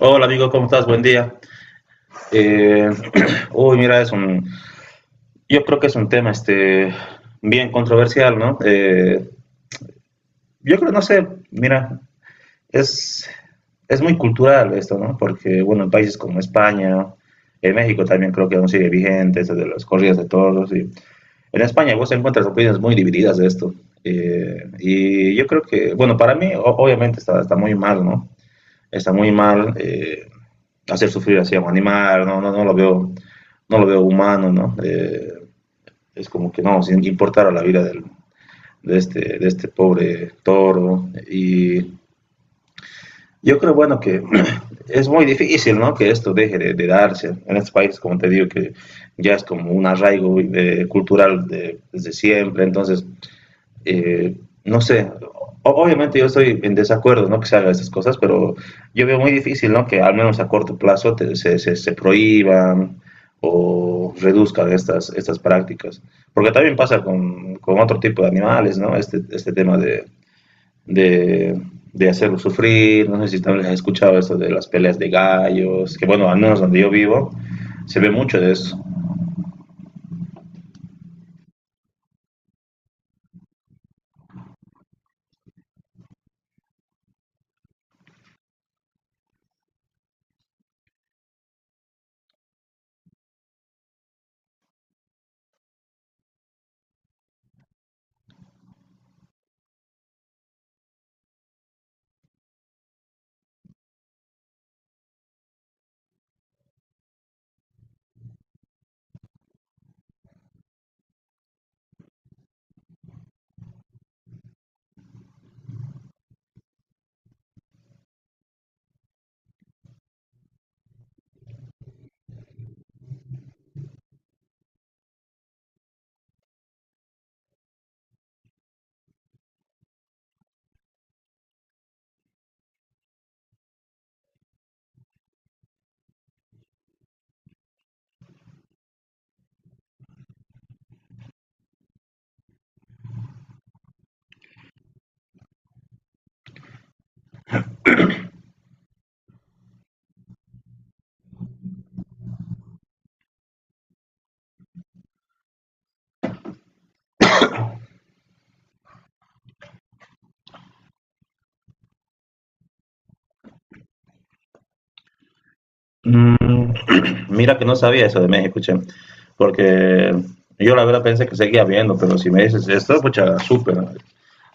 Hola amigo, ¿cómo estás? Buen día. Eh, uy, mira, yo creo que es un tema este, bien controversial, ¿no? Yo creo, no sé, mira, es, es muy cultural esto, ¿no? Porque, bueno, en países como España, en México también creo que aún sigue vigente esto de las corridas de toros. Y en España vos encuentras opiniones muy divididas de esto. Y yo creo que, bueno, para mí obviamente está muy mal, ¿no? Está muy mal. Hacer sufrir así, animar, no, no, no lo veo, no lo veo humano, ¿no? Es como que no, sin importar a la vida de este pobre toro. Y yo creo, bueno, que es muy difícil, ¿no? Que esto deje de darse. En este país, como te digo, que ya es como un arraigo de, cultural de, desde siempre, entonces eh, no sé, obviamente yo estoy en desacuerdo, ¿no? Que se hagan estas cosas, pero yo veo muy difícil, ¿no? Que al menos a corto plazo se prohíban o reduzcan estas prácticas. Porque también pasa con otro tipo de animales, ¿no? Este tema de, de hacerlos sufrir, no sé si también has escuchado esto de las peleas de gallos, que bueno, al menos donde yo vivo, se ve mucho de eso. Mm, mira que no sabía eso de México, che, porque yo la verdad pensé que seguía viendo, pero si me dices esto, pucha, súper.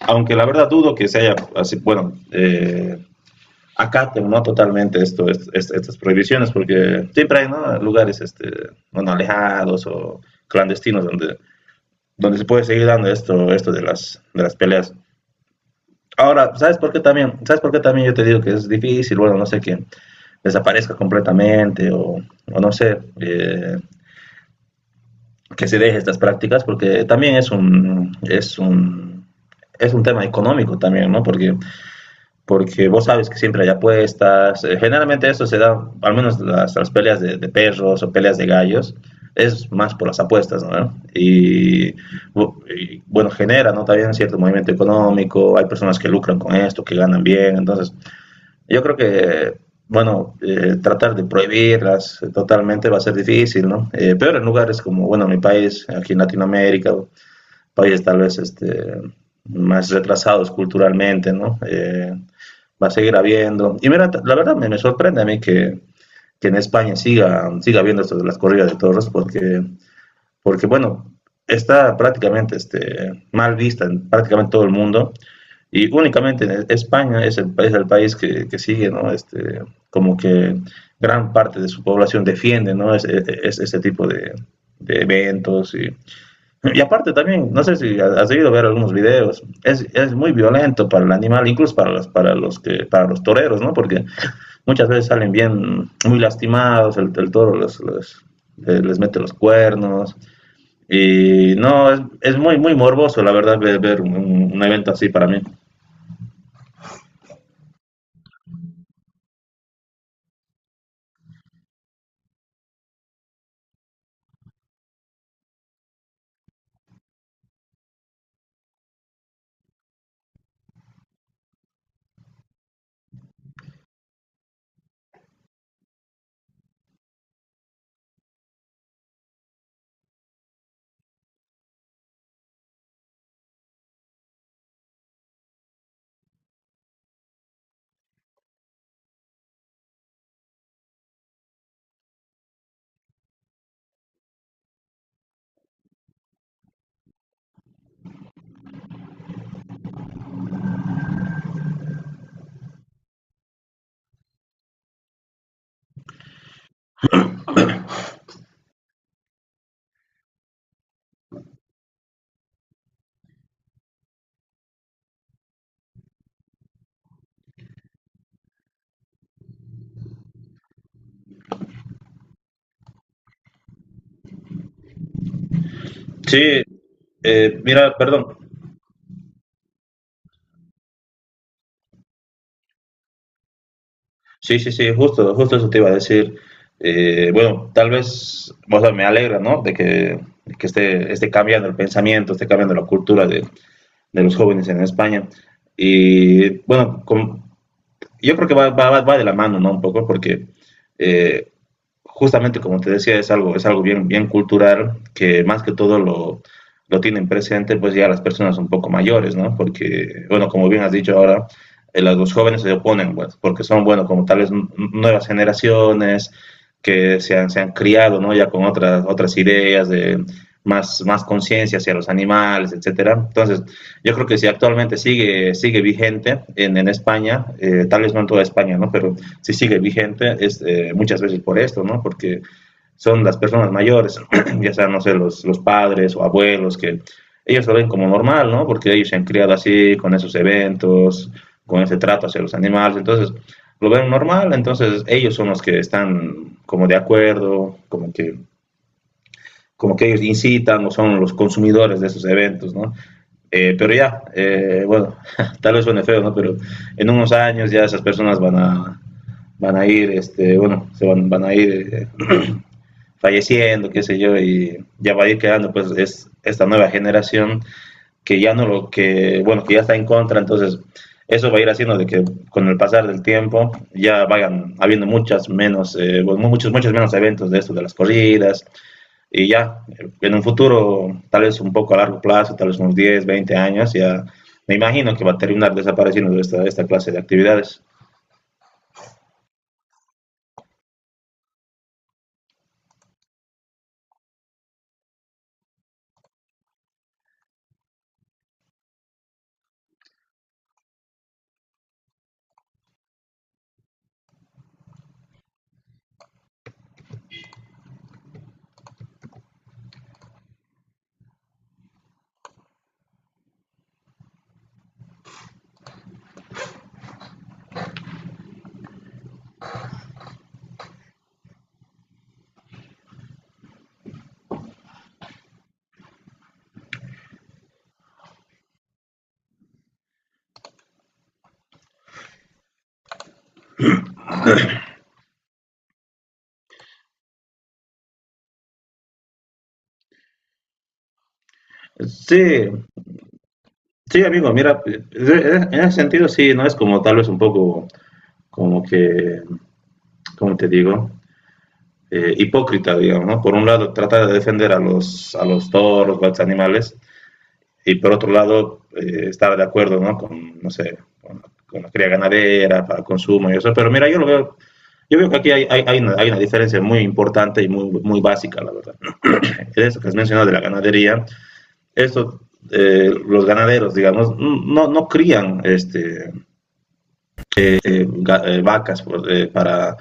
Aunque la verdad dudo que se haya, así, bueno, acaten, ¿no? Totalmente esto, estas prohibiciones, porque siempre hay, ¿no? Lugares, este, bueno, alejados o clandestinos donde, donde se puede seguir dando esto, esto de de las peleas. Ahora, ¿sabes por qué también? ¿Sabes por qué también yo te digo que es difícil? Bueno, no sé, que desaparezca completamente o no sé, que se deje estas prácticas, porque también es es un tema económico también, ¿no? Porque vos sabes que siempre hay apuestas. Generalmente eso se da, al menos las peleas de perros o peleas de gallos, es más por las apuestas, ¿no? Bueno, genera, ¿no? También cierto movimiento económico, hay personas que lucran con esto, que ganan bien, entonces yo creo que, bueno, tratar de prohibirlas totalmente va a ser difícil, ¿no? Pero en lugares como, bueno, mi país, aquí en Latinoamérica, países tal vez este, más retrasados culturalmente, ¿no? Va a seguir habiendo. Y mira, la verdad me sorprende a mí que en España siga habiendo esto de las corridas de toros, porque bueno, está prácticamente este, mal vista en prácticamente todo el mundo y únicamente España es es el país que sigue, ¿no? Este, como que gran parte de su población defiende, ¿no? Es este tipo de eventos. Y aparte también, no sé si has debido ver algunos videos, es muy violento para el animal, incluso para para los toreros, ¿no? Porque muchas veces salen bien, muy lastimados, el toro los, les mete los cuernos. Y no, es muy, muy morboso, la verdad, ver un evento así para mí. Sí, mira, perdón. Sí, sí, sí, justo eso te iba a decir. Bueno, tal vez, o sea, me alegra, ¿no? De que esté cambiando el pensamiento, esté cambiando la cultura de los jóvenes en España. Y bueno, yo creo que va de la mano, ¿no? Un poco, porque eh, justamente como te decía, es algo bien, bien cultural que más que todo lo tienen presente pues ya las personas un poco mayores, ¿no? Porque, bueno, como bien has dicho ahora, los jóvenes se oponen, pues, porque son, bueno, como tales nuevas generaciones que se han criado, ¿no? Ya con otras, otras ideas de más conciencia hacia los animales, etcétera. Entonces, yo creo que sí, actualmente sigue, sigue vigente en España, tal vez no en toda España, ¿no? Pero sí sigue vigente es, muchas veces por esto, ¿no? Porque son las personas mayores, ya sean, no sé, los padres o abuelos, que ellos lo ven como normal, ¿no? Porque ellos se han criado así, con esos eventos, con ese trato hacia los animales, entonces lo ven normal, entonces ellos son los que están como de acuerdo, como que ellos incitan o son los consumidores de esos eventos, ¿no? Pero ya, bueno, tal vez suene feo, ¿no? Pero en unos años ya esas personas van a ir, este, bueno, van a ir falleciendo, qué sé yo, y ya va a ir quedando, pues, es esta nueva generación que bueno, que ya está en contra, entonces eso va a ir haciendo de que con el pasar del tiempo ya vayan habiendo muchas menos, bueno, muchos menos eventos de esto, de las corridas, y ya, en un futuro, tal vez un poco a largo plazo, tal vez unos 10 o 20 años, ya me imagino que va a terminar desapareciendo esta, esta clase de actividades. Sí, sí, amigo, mira, en ese sentido sí, no es como tal vez un poco, como que, ¿cómo te digo? Hipócrita, digamos, ¿no? Por un lado, trata de defender a a los toros, a los animales, y por otro lado estar de acuerdo, ¿no? con, no sé, con, la cría ganadera, para consumo y eso, pero mira, yo lo veo, yo veo que aquí hay una diferencia muy importante y muy, muy básica, la verdad. Eso que has mencionado de la ganadería, esto, los ganaderos, digamos, no crían este, vacas pues,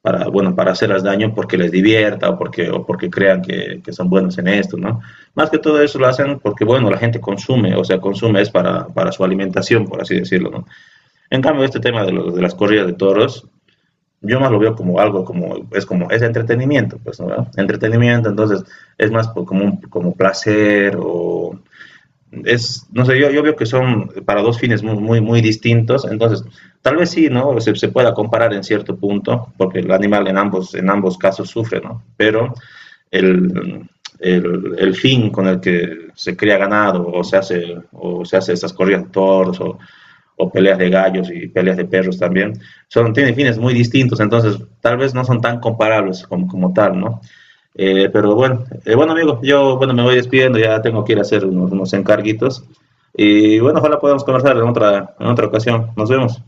para, bueno, para hacerles daño porque les divierta o porque crean que son buenos en esto, ¿no? Más que todo eso lo hacen porque, bueno, la gente consume, o sea, consume es para su alimentación, por así decirlo, ¿no? En cambio, este tema de las corridas de toros, yo más lo veo como algo, es como, es entretenimiento, pues, ¿no? Entretenimiento, entonces, es más como, como placer o es, no sé, yo veo que son para dos fines muy, muy, muy distintos, entonces tal vez sí, ¿no? Se pueda comparar en cierto punto, porque el animal en ambos casos sufre, ¿no? Pero el, el fin con el que se cría ganado o o se hace estas corridas de toros o peleas de gallos y peleas de perros también, son, tienen fines muy distintos, entonces tal vez no son tan comparables como, como tal, ¿no? Pero bueno, bueno amigo, yo bueno, me voy despidiendo, ya tengo que ir a hacer unos, unos encarguitos y bueno, ojalá podamos conversar en otra ocasión. Nos vemos.